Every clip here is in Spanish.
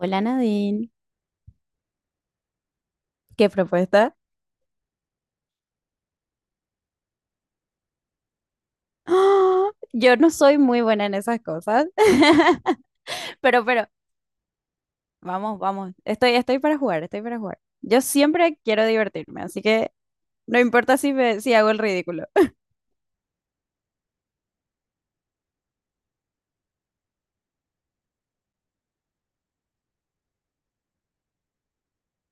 Hola Nadine, ¿qué propuesta? ¡Ah! Yo no soy muy buena en esas cosas, pero, pero, vamos, vamos, estoy para jugar, estoy para jugar. Yo siempre quiero divertirme, así que no importa si hago el ridículo.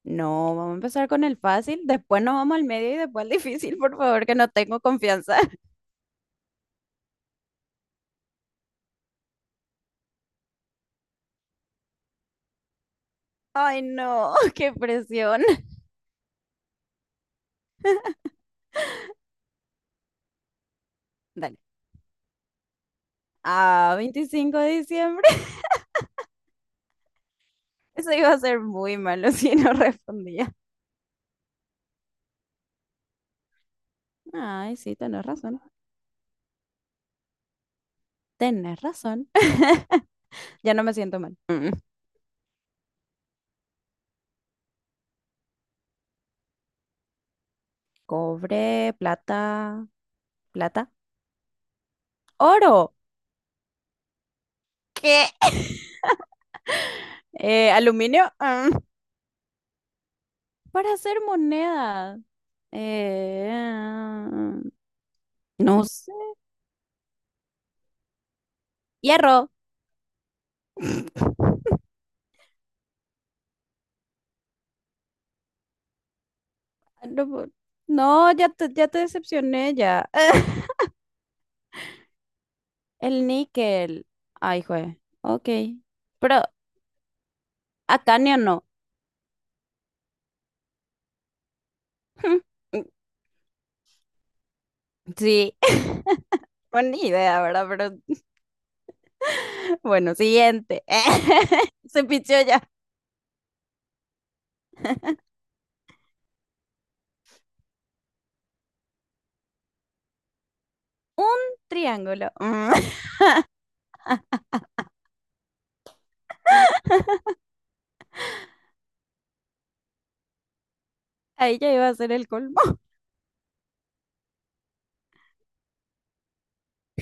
No, vamos a empezar con el fácil, después nos vamos al medio y después al difícil, por favor, que no tengo confianza. Ay, no, qué presión. Dale. Ah, 25 de diciembre. Eso iba a ser muy malo si no respondía. Ay, sí, tenés razón. Tenés razón. Ya no me siento mal. Mm. Cobre, plata, plata, oro. ¿Qué? Aluminio. Para hacer moneda. Eh, ah, no sé. Hierro. No, no, ya te decepcioné ya. El níquel. Ay, jue. Ok. Pero acanio no. Sí. Buena idea, ¿verdad? Pero bueno, siguiente. Se pichó ya. Un triángulo. Mm. Ahí ya iba a ser el colmo.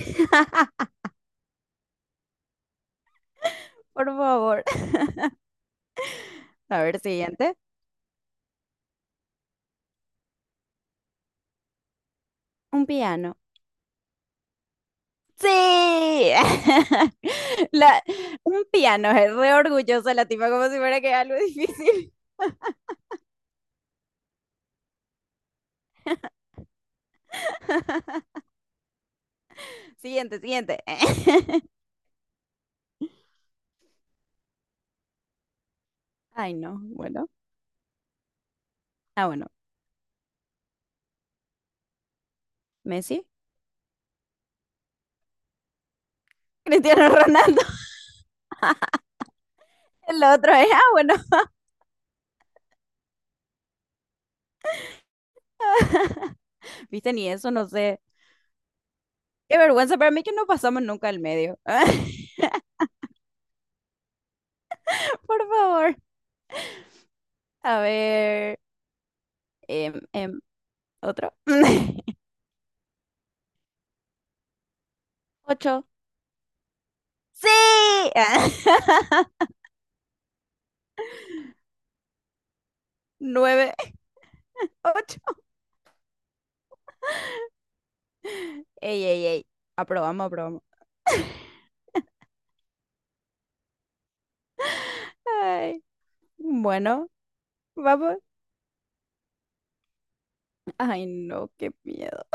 Por favor. A ver, siguiente. Un piano. Sí. La, un piano. Es re orgullosa la tipa, como si fuera que algo difícil. Siguiente, siguiente. Ay, no. Bueno. Ah, bueno. Messi. Cristiano Ronaldo. El otro es, bueno. Viste, ni eso, no sé. Qué vergüenza para mí que no pasamos nunca al medio. Por favor. A ver. em, em, Otro. Ocho. ¡Sí! Nueve. Ocho. Ey, ey, ey. Aprobamos, aprobamos. Ay, bueno, vamos. Ay, no, qué miedo.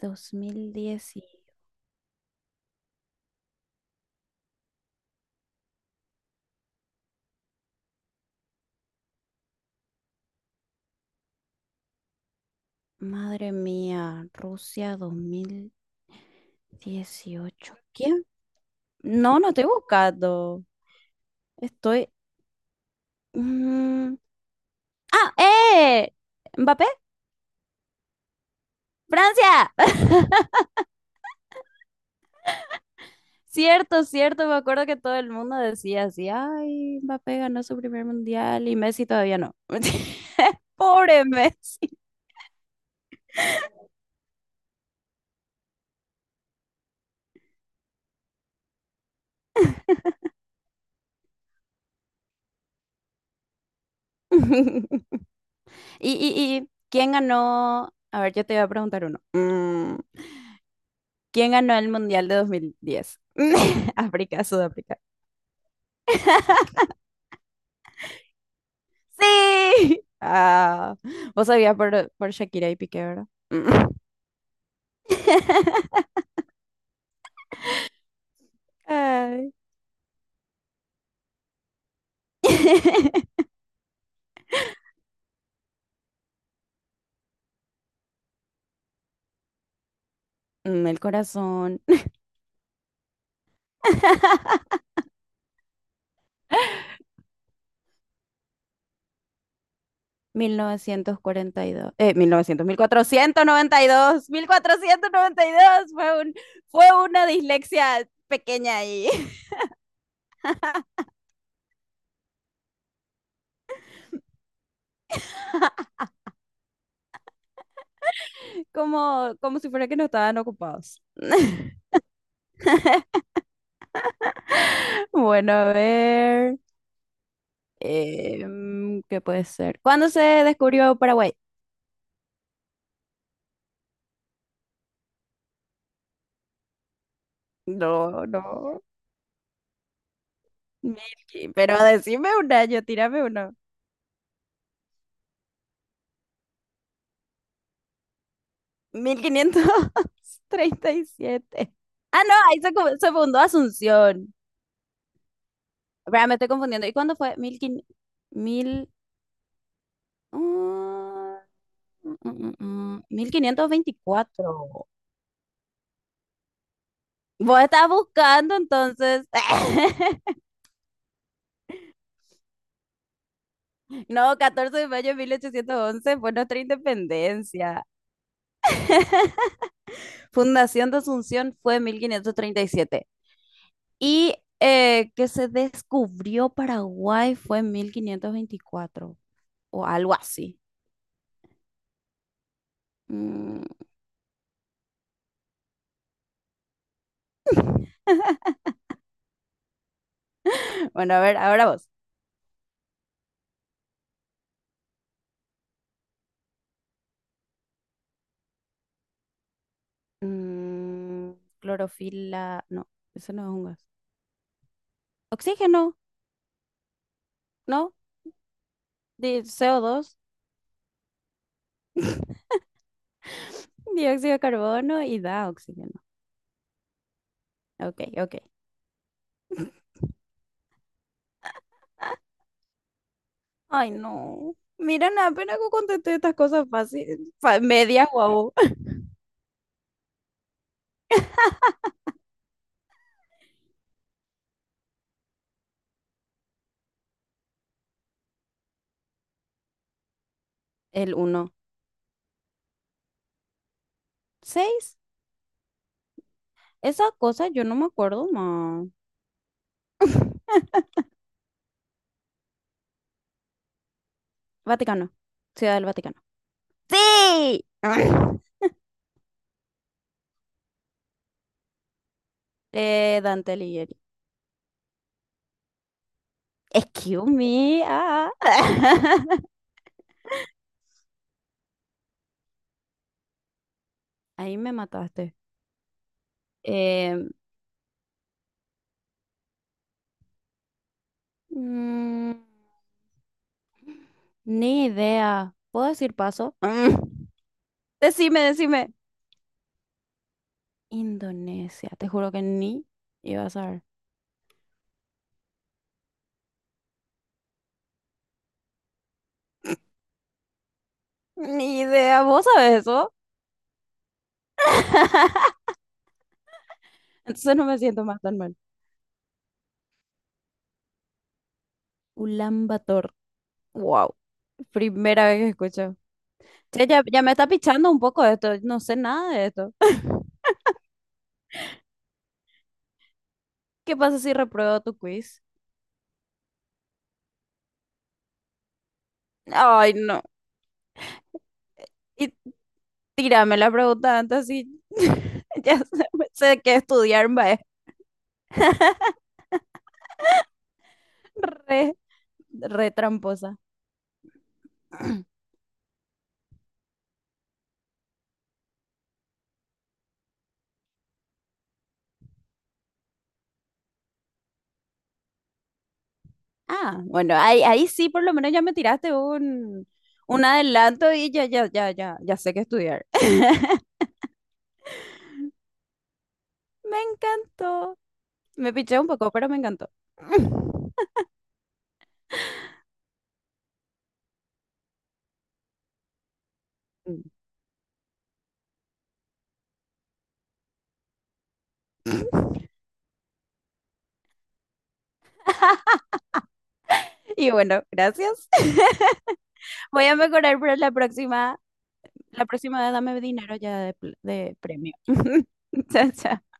Dos mil diez. Madre mía, Rusia dos mil dieciocho. ¿Quién? No, no estoy buscando. Estoy. mm, ¡Ah! ¡Eh! ¿Mbappé? ¡Francia! Cierto, cierto, me acuerdo que todo el mundo decía así, ay, Mbappé ganó su primer mundial y Messi todavía no. Pobre Messi. ¿Y, y, y quién ganó? A ver, yo te voy a preguntar uno. ¿Quién ganó el mundial de dos mil diez? África, Sudáfrica. Sí. Ah, vos sabías por Shakira y Piqué, ¿verdad? Mm. Ay. El corazón. 1942, mil cuatrocientos noventa y dos fue una dislexia pequeña ahí. Como, si fuera que no estaban ocupados. Bueno, a ver, ¿qué puede ser? ¿Cuándo se descubrió Paraguay? No, no, Milky, pero decime un año, tírame uno. Mil quinientos treinta y siete. Ah, no, ahí se, fundó Asunción. Espera, me estoy confundiendo. ¿Y cuándo fue? Mil, mm, 1524. Vos estás buscando entonces. No, 14 de mayo de 1811 fue nuestra independencia. Fundación de Asunción fue mil quinientos treinta y siete. Y que se descubrió Paraguay fue 1524 o algo así. Mm. Bueno, a ver, ahora vos. Mm, Clorofila. No, eso no es un gas. Oxígeno, ¿no? Co dos, dióxido de carbono y da oxígeno. Ok, ok. Ay, no. Mira, nada, apenas que contesté estas cosas fáciles. Media, guau. El uno 6. Esa cosa yo no me acuerdo más. Vaticano. Ciudad del Vaticano. ¡Sí! Dante Alighieri. Excuse me. Ah. Ahí me mataste. Eh, mm, Ni idea. ¿Puedo decir paso? Decime, decime. Indonesia. Te juro que ni iba a saber. Ni idea. ¿Vos sabés eso? Entonces no me siento más tan mal. Ulan Bator. Wow. Primera vez que escucho. Che, ya me está pichando un poco esto. No sé nada de esto. ¿Qué pasa si repruebo tu quiz? Ay, no. Y tírame la pregunta antes y ya sé, qué estudiar, mae. Re, re tramposa. Ah, bueno, ahí sí por lo menos ya me tiraste un, adelanto y ya sé qué estudiar. Me encantó. Me piché un poco, pero me encantó. Y bueno, gracias. Voy a mejorar para la próxima dame dinero ya de premio. Chao, chao.